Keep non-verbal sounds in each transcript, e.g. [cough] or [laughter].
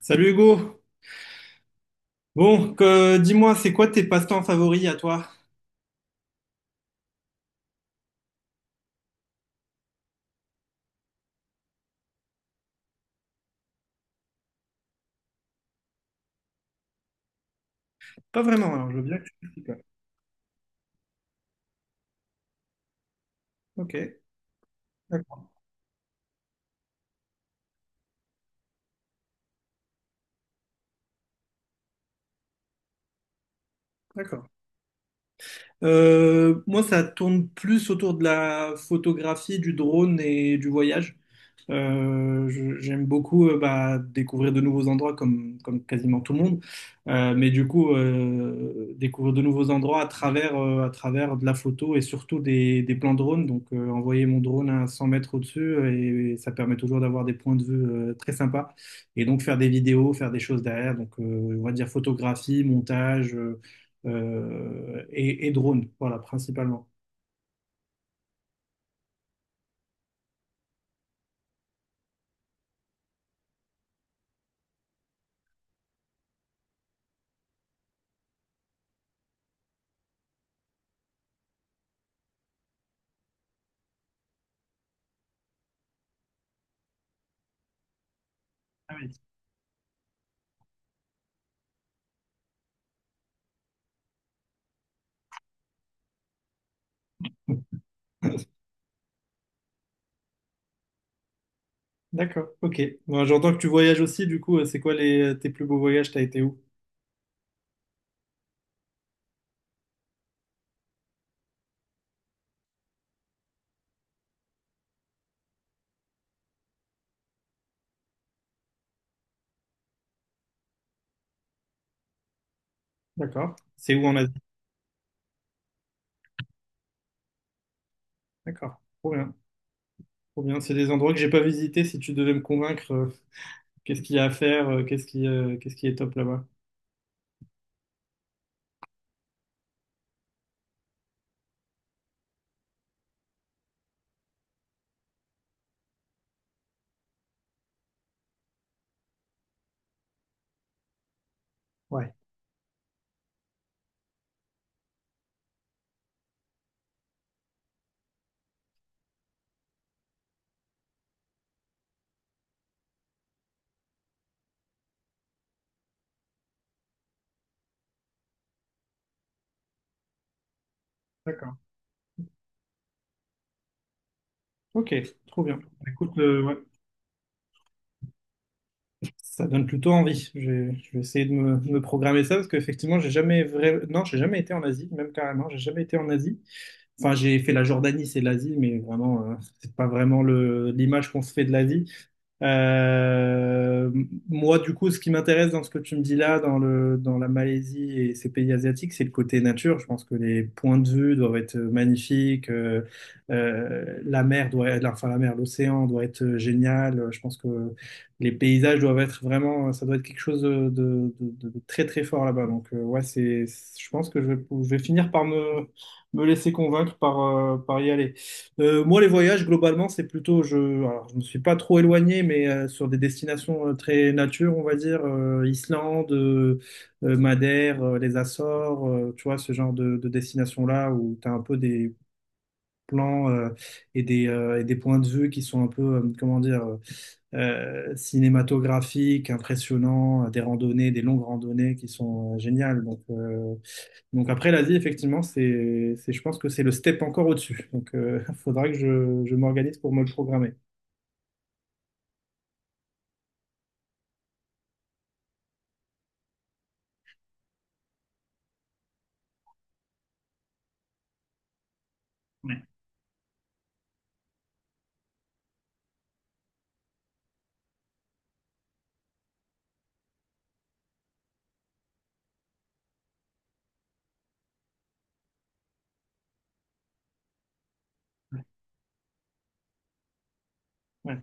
Salut Hugo. Dis-moi, c'est quoi tes passe-temps favoris à toi? Pas vraiment, alors je veux bien que tu m'expliques. Ouais. Ok, d'accord, d'accord. Moi, ça tourne plus autour de la photographie, du drone et du voyage. J'aime beaucoup bah, découvrir de nouveaux endroits comme quasiment tout le monde. Mais du coup, découvrir de nouveaux endroits à travers de la photo et surtout des plans drone. Donc, envoyer mon drone à 100 mètres au-dessus et, ça permet toujours d'avoir des points de vue très sympas. Et donc, faire des vidéos, faire des choses derrière. Donc, on va dire photographie, montage et drone. Voilà, principalement. Ah oui. D'accord, ok. Bon, j'entends que tu voyages aussi, du coup, c'est quoi les, tes plus beaux voyages? T'as été où? D'accord. C'est où en Asie? D'accord. Trop bien. Trop bien. C'est des endroits que j'ai pas visités. Si tu devais me convaincre, qu'est-ce qu'il y a à faire, qu'est-ce qui est top là-bas? Ouais. D'accord. Ok, trop bien. Bah, écoute, ouais. Ça donne plutôt envie. Je vais essayer de de me programmer ça parce qu'effectivement, j'ai jamais vrai... non, j'ai jamais été en Asie, même carrément, j'ai jamais été en Asie. Enfin, j'ai fait la Jordanie, c'est l'Asie, mais vraiment, c'est pas vraiment le l'image qu'on se fait de l'Asie. Euh, Moi, du coup, ce qui m'intéresse dans ce que tu me dis là, dans la Malaisie et ces pays asiatiques, c'est le côté nature. Je pense que les points de vue doivent être magnifiques. La mer doit être, enfin, la mer, l'océan doit être génial. Je pense que les paysages doivent être vraiment, ça doit être quelque chose de très, très fort là-bas. Donc, ouais, c'est, je pense que je vais finir par me laisser convaincre par, par y aller. Moi, les voyages, globalement, c'est plutôt, je, alors, je me suis pas trop éloigné, mais sur des destinations très nature, on va dire, Islande, Madère, les Açores, tu vois, ce genre de destination-là où tu as un peu des plans et des points de vue qui sont un peu, comment dire, cinématographiques, impressionnants, des randonnées, des longues randonnées qui sont géniales. Donc après l'Asie, effectivement, c'est, je pense que c'est le step encore au-dessus. Donc il [laughs] faudra que je m'organise pour me le programmer. Ouais. Ouais,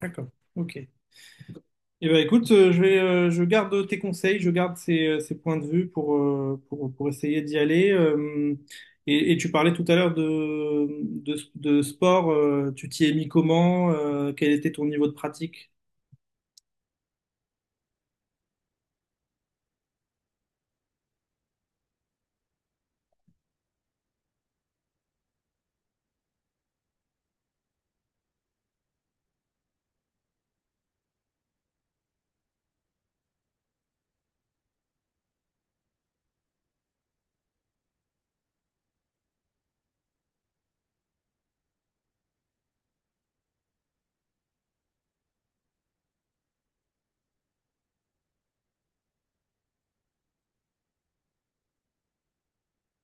d'accord. Ok. Eh ben écoute, je vais, je garde tes conseils, je garde ces, ces points de vue pour essayer d'y aller. Et tu parlais tout à l'heure de sport, tu t'y es mis comment, quel était ton niveau de pratique?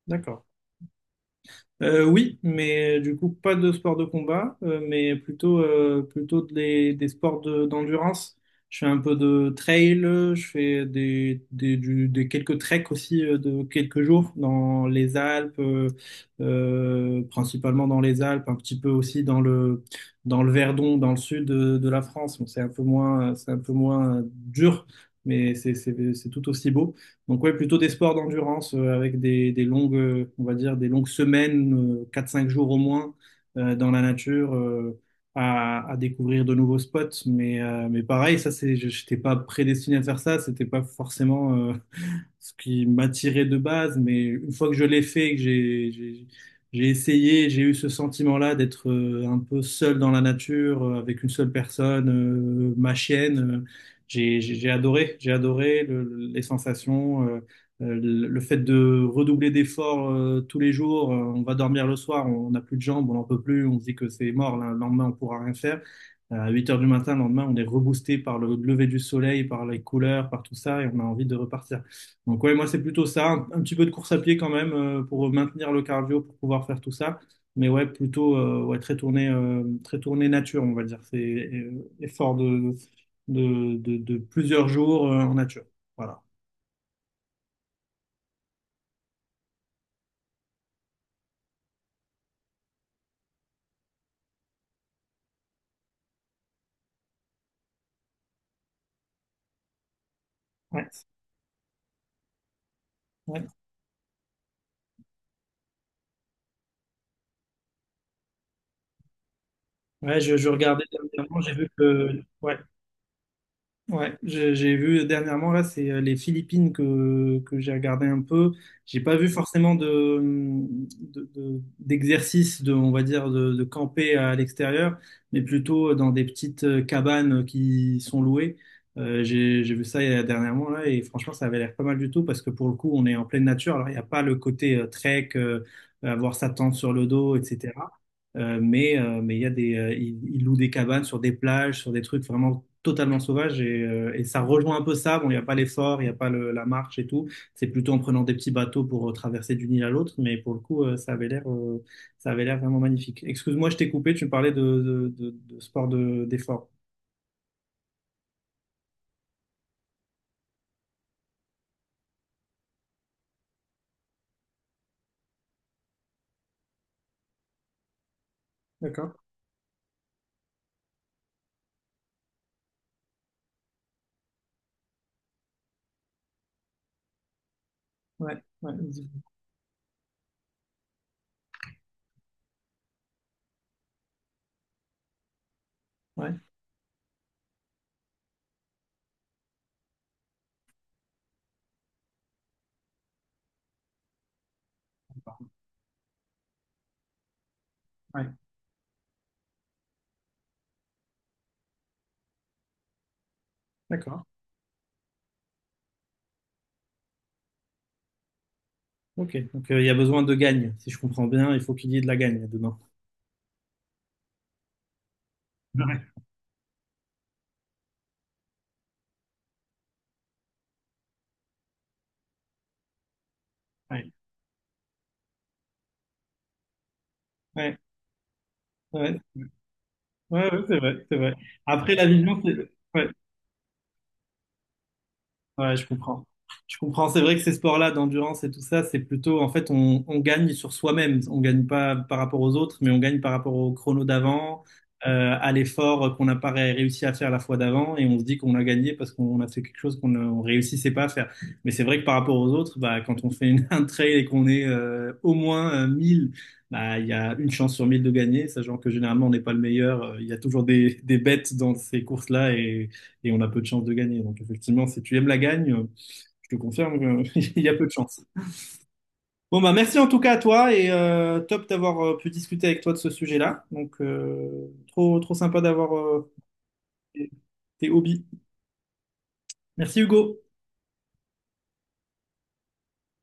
D'accord. Oui, mais du coup, pas de sport de combat, mais plutôt, plutôt des, d'endurance. Je fais un peu de trail, je fais des, des quelques treks aussi de quelques jours dans les Alpes, principalement dans les Alpes, un petit peu aussi dans le Verdon, dans le sud de la France. Bon, c'est un peu moins dur, mais c'est tout aussi beau. Donc oui, plutôt des sports d'endurance avec des longues, on va dire, des longues semaines, 4-5 jours au moins, dans la nature, à découvrir de nouveaux spots. Mais pareil, ça c'est, j'étais pas prédestiné à faire ça, c'était pas forcément ce qui m'attirait de base, mais une fois que je l'ai fait, j'ai essayé, j'ai eu ce sentiment-là d'être un peu seul dans la nature, avec une seule personne, ma chienne. J'ai adoré, les sensations, le fait de redoubler d'efforts tous les jours. On va dormir le soir, on n'a plus de jambes, on n'en peut plus, on se dit que c'est mort, le lendemain on pourra rien faire. À 8 heures du matin, le lendemain, on est reboosté par le lever du soleil, par les couleurs, par tout ça, et on a envie de repartir. Donc ouais, moi c'est plutôt ça, un petit peu de course à pied quand même pour maintenir le cardio, pour pouvoir faire tout ça. Mais ouais, plutôt ouais, très tourné nature, on va dire. C'est effort de plusieurs jours en nature. Voilà. Ouais, ouais. Ouais, je regardais dernièrement, j'ai vu que ouais, j'ai vu dernièrement là, c'est les Philippines que j'ai regardé un peu. J'ai pas vu forcément d'exercice de, on va dire, de camper à l'extérieur, mais plutôt dans des petites cabanes qui sont louées. J'ai vu ça dernièrement là et franchement, ça avait l'air pas mal du tout parce que pour le coup, on est en pleine nature. Alors, il n'y a pas le côté trek, avoir sa tente sur le dos, etc. Mais il y a des, ils louent des cabanes sur des plages, sur des trucs vraiment totalement sauvages et ça rejoint un peu ça. Bon, il n'y a pas l'effort, il n'y a pas la marche et tout. C'est plutôt en prenant des petits bateaux pour traverser d'une île à l'autre. Mais pour le coup, ça avait l'air vraiment magnifique. Excuse-moi, je t'ai coupé. Tu me parlais de sport d'effort. D'accord. Ouais, ouais, ouais, ouais, d'accord. Ok. Donc il y a besoin de gagne. Si je comprends bien, il faut qu'il y ait de la gagne demain. Ouais, ouais. Ouais. Ouais. Ouais, ouais, c'est vrai, c'est vrai. Après, l'alignement, c'est... ouais. Ouais, je comprends. Je comprends. C'est vrai que ces sports-là d'endurance et tout ça, c'est plutôt, en fait, on gagne sur soi-même. On gagne pas par rapport aux autres, mais on gagne par rapport au chrono d'avant, à l'effort qu'on n'a pas réussi à faire la fois d'avant, et on se dit qu'on a gagné parce qu'on a fait quelque chose qu'on ne on réussissait pas à faire. Mais c'est vrai que par rapport aux autres, bah, quand on fait une, [laughs] un trail et qu'on est au moins 1000, bah, il y a une chance sur 1000 de gagner, sachant que généralement on n'est pas le meilleur. Il y a toujours des bêtes dans ces courses-là, et on a peu de chances de gagner. Donc effectivement, si tu aimes la gagne, je te confirme qu'il [laughs] y a peu de chances. Bon bah merci en tout cas à toi et top d'avoir pu discuter avec toi de ce sujet-là. Donc trop trop sympa d'avoir tes hobbies. Merci Hugo.